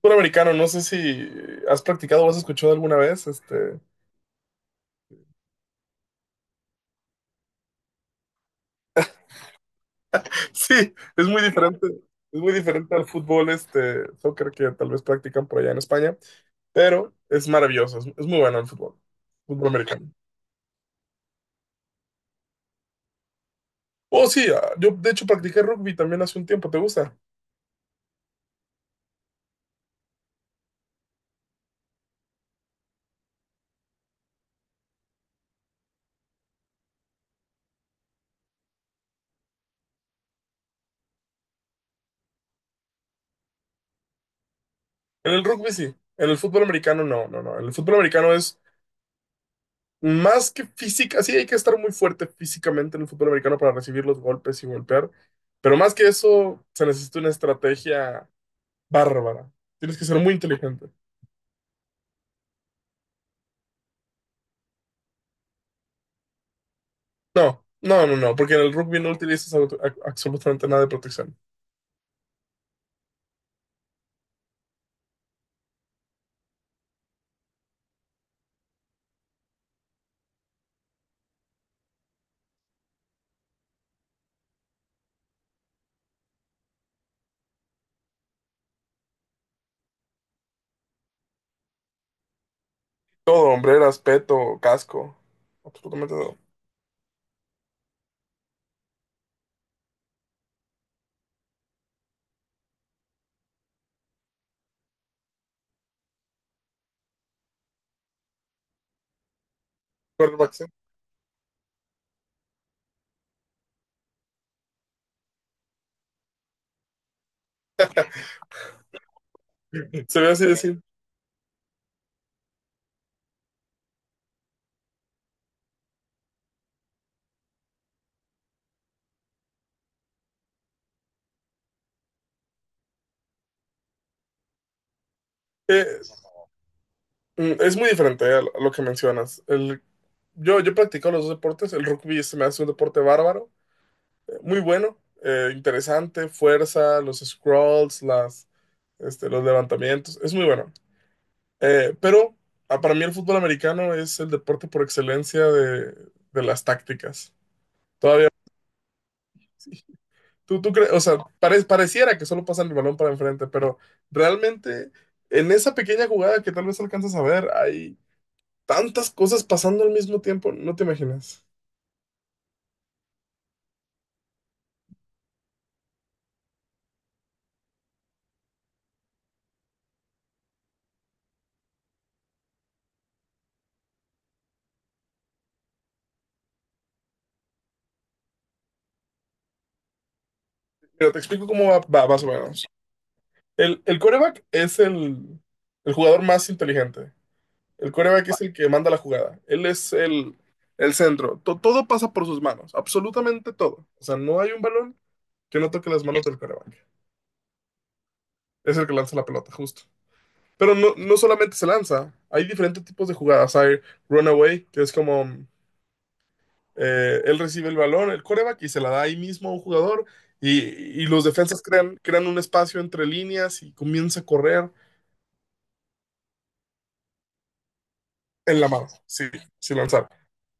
Fútbol americano, no sé si has practicado o has escuchado alguna vez. Sí, es muy diferente al fútbol, soccer que tal vez practican por allá en España, pero es maravilloso, es muy bueno el fútbol, fútbol americano. Oh, sí, yo de hecho practiqué rugby también hace un tiempo, ¿te gusta? En el rugby sí, en el fútbol americano no, no, no. En el fútbol americano es más que física, sí hay que estar muy fuerte físicamente en el fútbol americano para recibir los golpes y golpear, pero más que eso se necesita una estrategia bárbara. Tienes que ser muy inteligente. No, no, no, no, porque en el rugby no utilizas absolutamente nada de protección. Todo, hombreras, peto, casco, absolutamente todo. Quarterback, sí. Se ve así decir. Eh, es muy diferente a lo que mencionas. Yo practico los dos deportes. El rugby se me hace un deporte bárbaro, muy bueno, interesante, fuerza, los scrolls, los levantamientos. Es muy bueno. Pero para mí el fútbol americano es el deporte por excelencia de las tácticas. Todavía, tú crees, o sea, pareciera que solo pasan el balón para enfrente, pero realmente en esa pequeña jugada que tal vez alcanzas a ver, hay tantas cosas pasando al mismo tiempo, no te imaginas. Pero te explico cómo va más o menos. El quarterback es el jugador más inteligente. El coreback es el que manda la jugada. Él es el centro. Todo pasa por sus manos, absolutamente todo. O sea, no hay un balón que no toque las manos del coreback. Es el que lanza la pelota, justo. Pero no solamente se lanza, hay diferentes tipos de jugadas. Hay runaway, que es como él recibe el balón, el coreback, y se la da ahí mismo a un jugador. Y, y los defensas crean un espacio entre líneas y comienza a correr en la mano, sí, sin lanzar.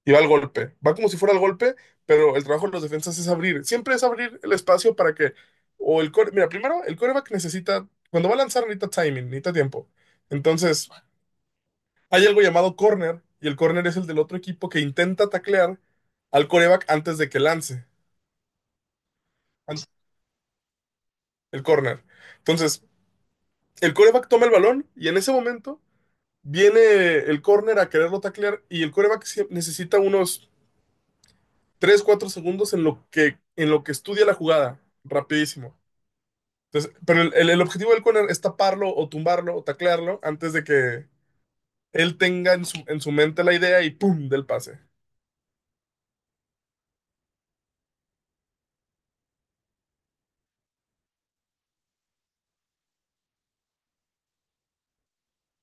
Y va al golpe. Va como si fuera al golpe, pero el trabajo de los defensas es abrir. Siempre es abrir el espacio para que. O el core. Mira, primero, el coreback necesita. Cuando va a lanzar, necesita timing, necesita tiempo. Entonces, hay algo llamado corner, y el corner es el del otro equipo que intenta taclear al coreback antes de que lance. an- El corner. Entonces, el coreback toma el balón, y en ese momento viene el corner a quererlo taclear, y el coreback necesita unos 3 4 segundos en lo que estudia la jugada. Rapidísimo. Entonces, pero el objetivo del corner es taparlo o tumbarlo o taclearlo antes de que él tenga en su mente la idea y ¡pum! Del pase.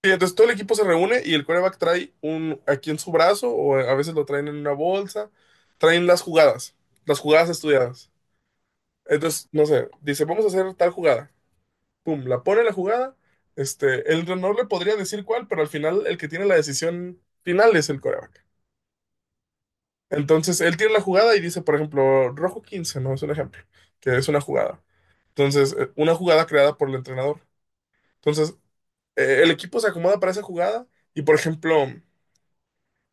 Y entonces todo el equipo se reúne y el cornerback trae un aquí en su brazo o a veces lo traen en una bolsa, traen las jugadas estudiadas. Entonces, no sé, dice, vamos a hacer tal jugada. ¡Pum! La pone la jugada. El no le podría decir cuál, pero al final el que tiene la decisión final es el coreback. Entonces, él tira la jugada y dice, por ejemplo, rojo 15, ¿no? Es un ejemplo, que es una jugada. Entonces, una jugada creada por el entrenador. Entonces, el equipo se acomoda para esa jugada y, por ejemplo,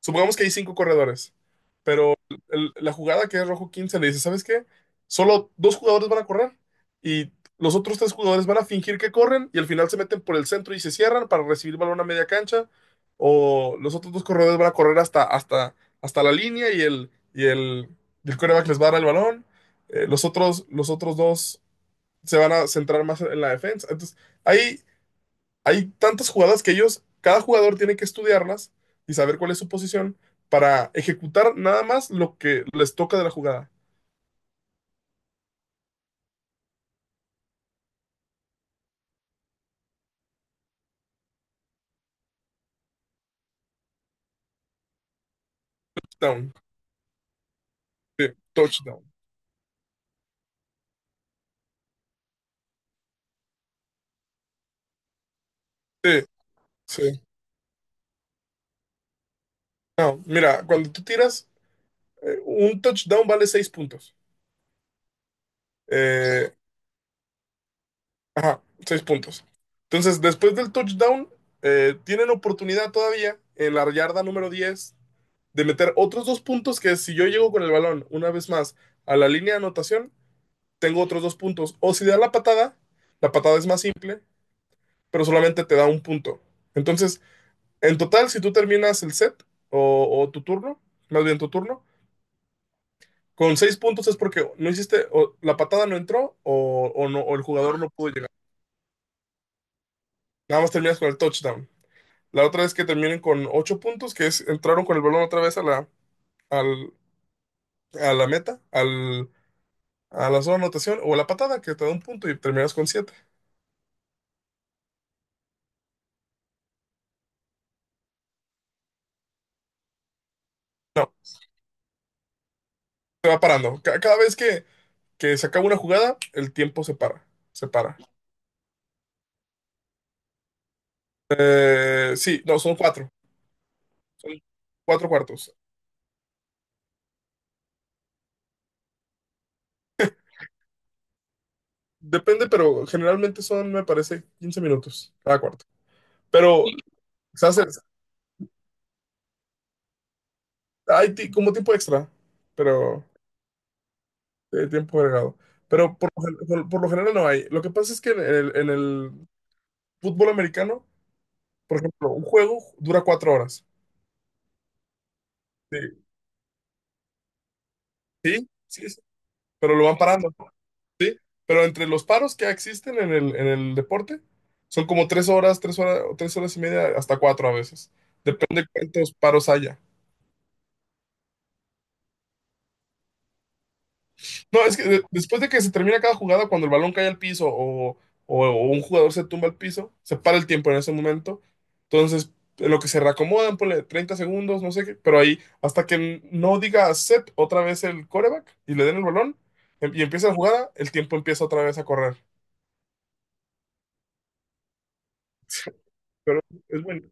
supongamos que hay cinco corredores, pero la jugada que es rojo 15 le dice, ¿sabes qué? Solo dos jugadores van a correr y los otros tres jugadores van a fingir que corren y al final se meten por el centro y se cierran para recibir balón a media cancha o los otros dos corredores van a correr hasta la línea y el quarterback les va a dar el balón. Los otros dos se van a centrar más en la defensa. Entonces, ahí hay tantas jugadas que ellos, cada jugador tiene que estudiarlas y saber cuál es su posición para ejecutar nada más lo que les toca de la jugada. Down, sí, touchdown. Sí, sí. No, mira, cuando tú tiras, un touchdown vale 6 puntos. Eh, ajá, 6 puntos. Entonces, después del touchdown, tienen oportunidad todavía en la yarda número 10 de meter otros 2 puntos que si yo llego con el balón una vez más a la línea de anotación, tengo otros 2 puntos. O si da la patada es más simple, pero solamente te da 1 punto. Entonces, en total, si tú terminas el set o tu turno, más bien tu turno, con 6 puntos es porque no hiciste, o la patada no entró o no, o el jugador no pudo llegar. Nada más terminas con el touchdown. La otra es que terminen con 8 puntos, que es entraron con el balón otra vez al, a la meta, a la zona de anotación o a la patada, que te da 1 punto y terminas con siete. No, te va parando. Cada vez que se acaba una jugada, el tiempo se para. Se para. Sí, no, son cuatro. Son 4 cuartos. Depende, pero generalmente son, me parece, 15 minutos cada cuarto. Pero se hace, hay como tiempo extra, pero tiempo agregado. Pero por lo general no hay. Lo que pasa es que en el fútbol americano, por ejemplo, un juego dura 4 horas. Sí, sí, sí, sí, pero lo van parando, ¿no? Pero entre los paros que existen en el deporte, son como tres horas, 3 horas, 3 horas y media, hasta cuatro a veces. Depende cuántos paros haya. No, es que después de que se termina cada jugada, cuando el balón cae al piso o un jugador se tumba al piso, se para el tiempo en ese momento. Entonces, en lo que se reacomodan, ponle 30 segundos, no sé qué, pero ahí, hasta que no diga set otra vez el coreback y le den el balón y empieza la jugada, el tiempo empieza otra vez a correr. Pero es bueno.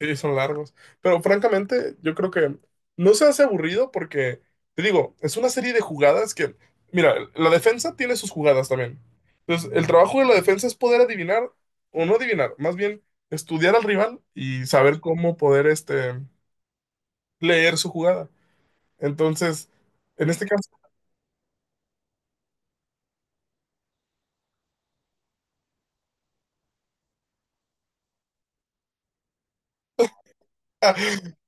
Sí, son largos. Pero francamente, yo creo que no se hace aburrido porque, te digo, es una serie de jugadas que, mira, la defensa tiene sus jugadas también. Entonces, el trabajo de la defensa es poder adivinar, o no adivinar, más bien estudiar al rival y saber cómo poder, leer su jugada. Entonces, en este caso,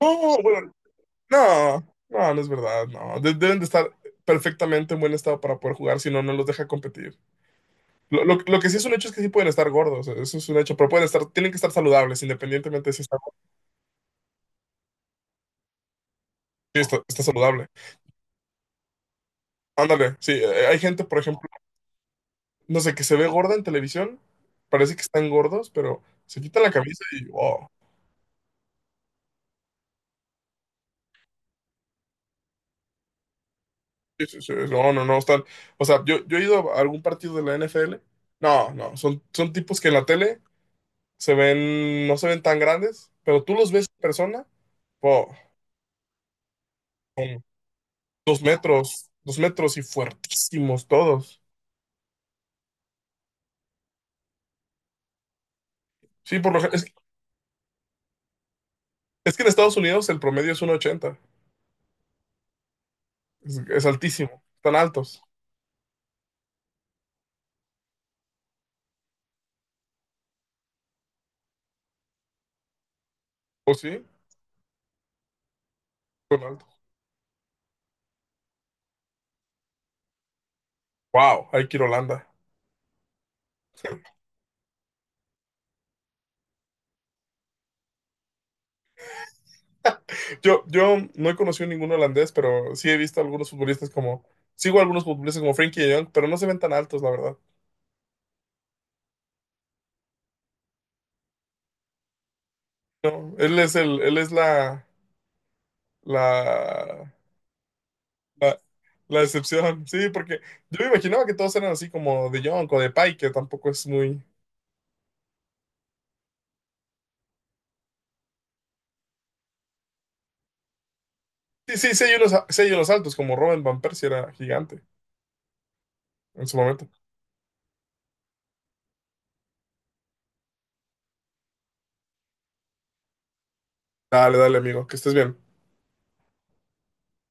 no, bueno, no, no, no es verdad, no. Deben de estar perfectamente en buen estado para poder jugar, si no, no los deja competir. Lo que sí es un hecho es que sí pueden estar gordos, eso es un hecho, pero tienen que estar saludables, independientemente de si está, sí, está saludable. Ándale, sí, hay gente, por ejemplo, no sé, que se ve gorda en televisión, parece que están gordos, pero se quitan la camisa y, oh, sí, sí, sí, no, no, no, están, o sea, yo he ido a algún partido de la NFL, no, no, son tipos que en la tele se ven, no se ven tan grandes, pero tú los ves en persona, oh, son 2 metros, 2 metros y fuertísimos todos. Sí, por lo general. Es que en Estados Unidos el promedio es 1,80. Es altísimo. Están altos. ¿O sí? Son altos. Wow, hay que ir a Holanda. Yo no he conocido ningún holandés, pero sí he visto algunos futbolistas como. Sigo a algunos futbolistas como Frankie de Jong, pero no se ven tan altos, la verdad. No, él es él es la, la, la excepción. Sí, porque yo me imaginaba que todos eran así como de Jong o de Pai, que tampoco es muy. Sí, sí, sí hay unos altos, como Robin Van Persie era gigante en su momento. Dale, dale, amigo, que estés bien.